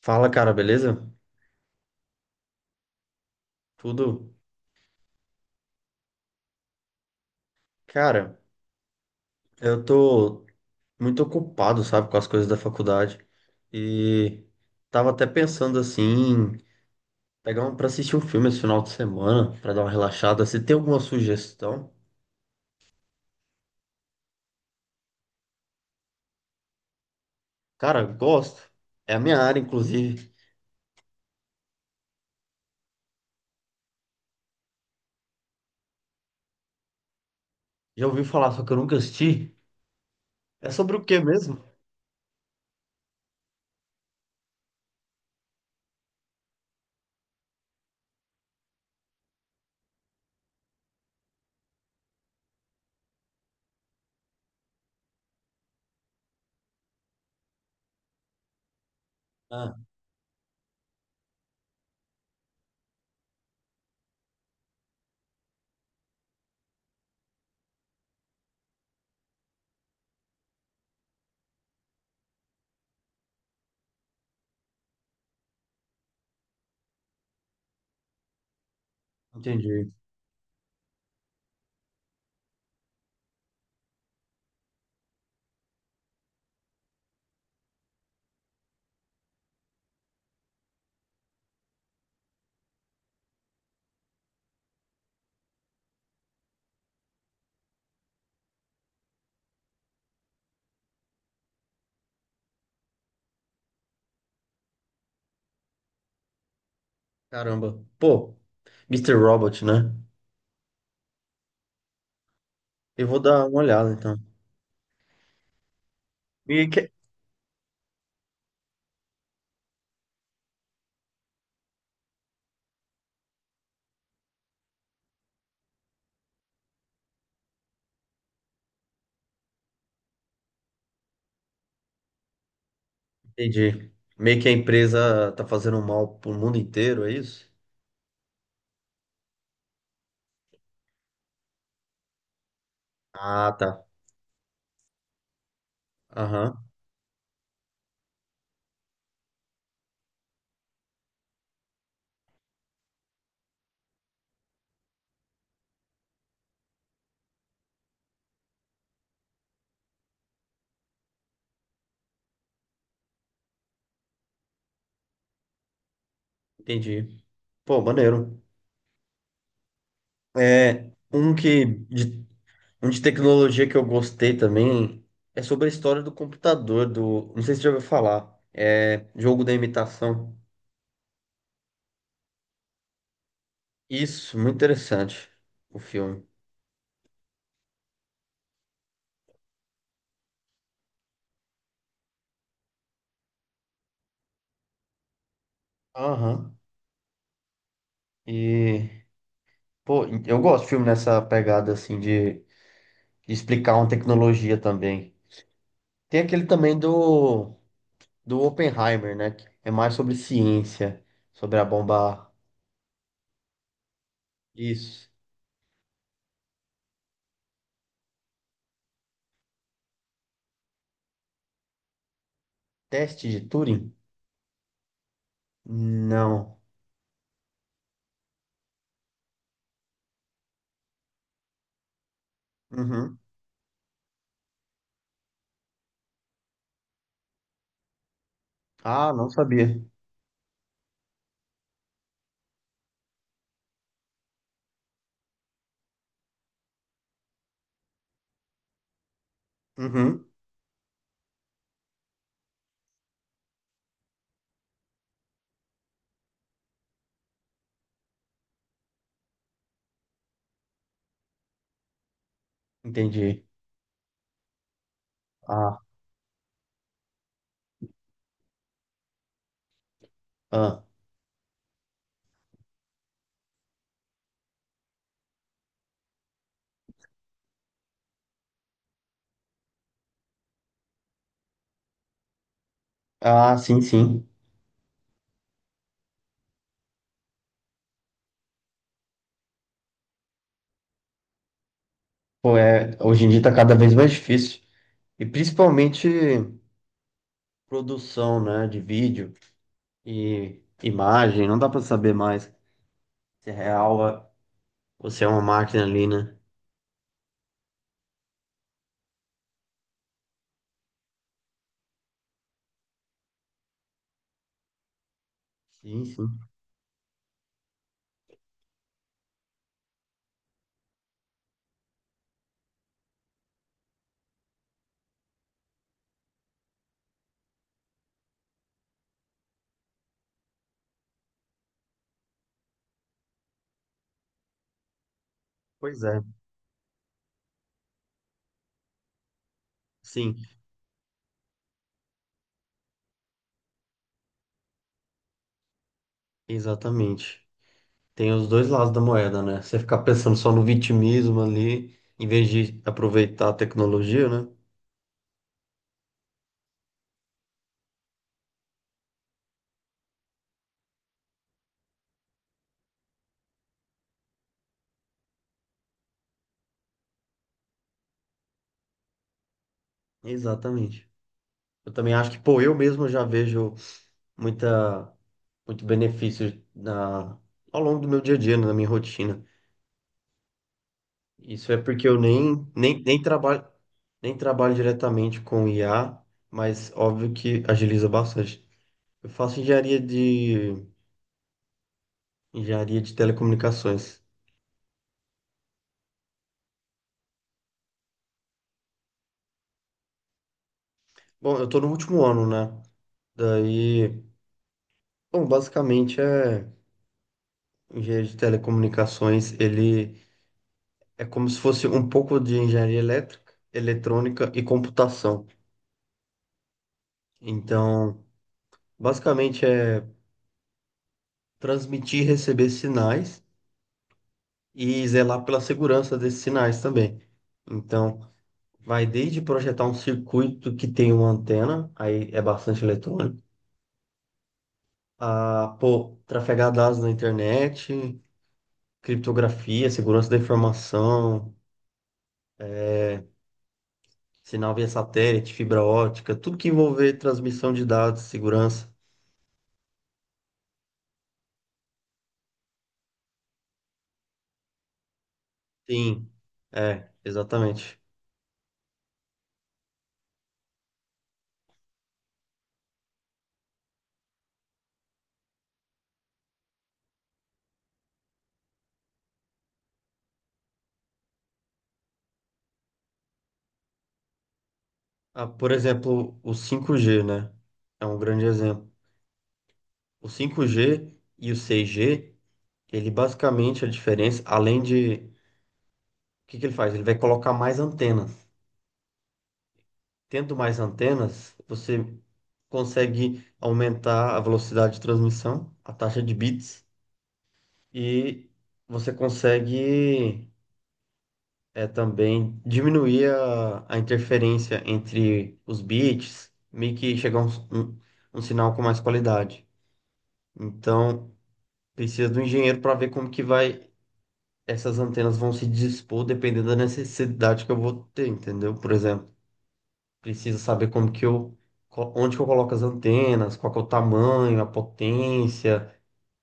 Fala, cara, beleza? Tudo? Cara, eu tô muito ocupado, sabe, com as coisas da faculdade e tava até pensando assim, em pegar um para assistir um filme esse final de semana, pra dar uma relaxada. Se tem alguma sugestão? Cara, gosto. É a minha área, inclusive. Já ouvi falar, só que eu nunca assisti. É sobre o quê mesmo? Ah, entendi. Caramba. Pô, Mister Robot, né? Eu vou dar uma olhada então. E que- Entendi. Meio que a empresa tá fazendo um mal pro mundo inteiro, é isso? Ah, tá. Aham, entendi. Pô, maneiro. É, um de tecnologia que eu gostei também é sobre a história do computador, não sei se você já ouviu falar, é Jogo da Imitação. Isso, muito interessante o filme. Aham. E, pô, eu gosto de filme nessa pegada assim de explicar uma tecnologia também. Tem aquele também do Oppenheimer, né? Que é mais sobre ciência, sobre a bomba. Isso. Teste de Turing? Não. Uhum. Ah, não sabia. Uhum. Entendi. Ah, ah. Ah, sim, sim. Pô, é, hoje em dia tá cada vez mais difícil. E principalmente produção, né, de vídeo e imagem, não dá pra saber mais se é real ou se é uma máquina ali, né? Sim, sim. Pois é. Sim, exatamente. Tem os dois lados da moeda, né? Você ficar pensando só no vitimismo ali, em vez de aproveitar a tecnologia, né? Exatamente. Eu também acho que, pô, eu mesmo já vejo muita, muito benefício ao longo do meu dia a dia, né, na minha rotina. Isso é porque eu nem trabalho diretamente com IA, mas óbvio que agiliza bastante. Eu faço engenharia de telecomunicações. Bom, eu tô no último ano, né? Daí, bom, basicamente é engenharia de telecomunicações. Ele é como se fosse um pouco de engenharia elétrica, eletrônica e computação. Então, basicamente é transmitir e receber sinais e zelar pela segurança desses sinais também. Então, vai desde projetar um circuito que tem uma antena, aí é bastante eletrônico, a pô, trafegar dados na internet, criptografia, segurança da informação, é, sinal via satélite, fibra ótica, tudo que envolver transmissão de dados, segurança. Sim, é, exatamente. Ah, por exemplo, o 5G, né? É um grande exemplo. O 5G e o 6G, ele basicamente a diferença, o que que ele faz? Ele vai colocar mais antenas. Tendo mais antenas, você consegue aumentar a velocidade de transmissão, a taxa de bits, e você consegue também diminuir a interferência entre os bits, meio que chegar um, um sinal com mais qualidade. Então, precisa do engenheiro para ver como que vai, essas antenas vão se dispor dependendo da necessidade que eu vou ter, entendeu? Por exemplo, precisa saber como que eu, onde que eu coloco as antenas, qual que é o tamanho, a potência,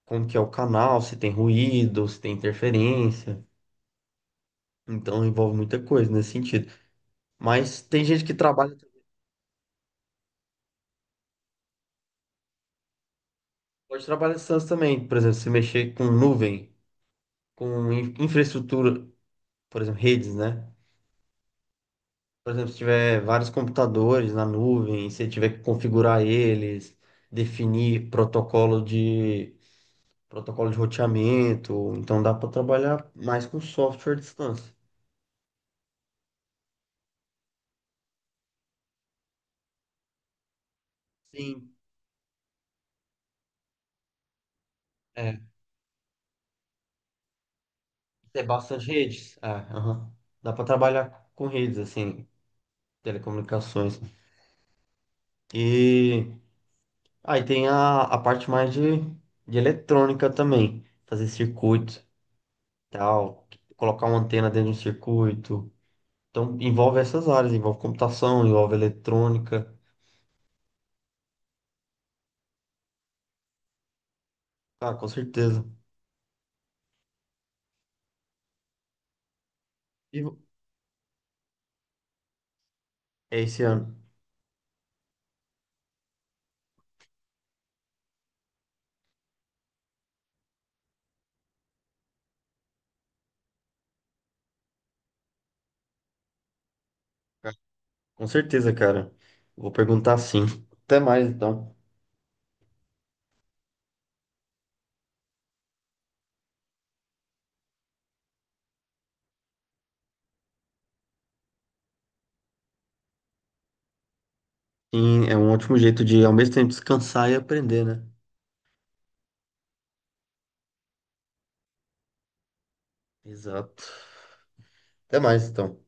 como que é o canal, se tem ruído, se tem interferência. Então envolve muita coisa nesse sentido. Mas tem gente que trabalha. Pode trabalhar em SaaS também, por exemplo, se mexer com nuvem, com infraestrutura, por exemplo, redes, né? Por exemplo, se tiver vários computadores na nuvem, se tiver que configurar eles, definir protocolo de roteamento, então dá para trabalhar mais com software à distância. Sim, é, tem bastante redes. É, aham. Dá para trabalhar com redes assim, telecomunicações. E aí tem a parte mais de eletrônica também, fazer circuito, tal, colocar uma antena dentro de um circuito. Então envolve essas áreas, envolve computação, envolve eletrônica. Ah, com certeza. E é esse ano. Com certeza, cara. Vou perguntar sim. Até mais, então. Sim, é um ótimo jeito de ao mesmo tempo descansar e aprender, né? Exato. Até mais, então.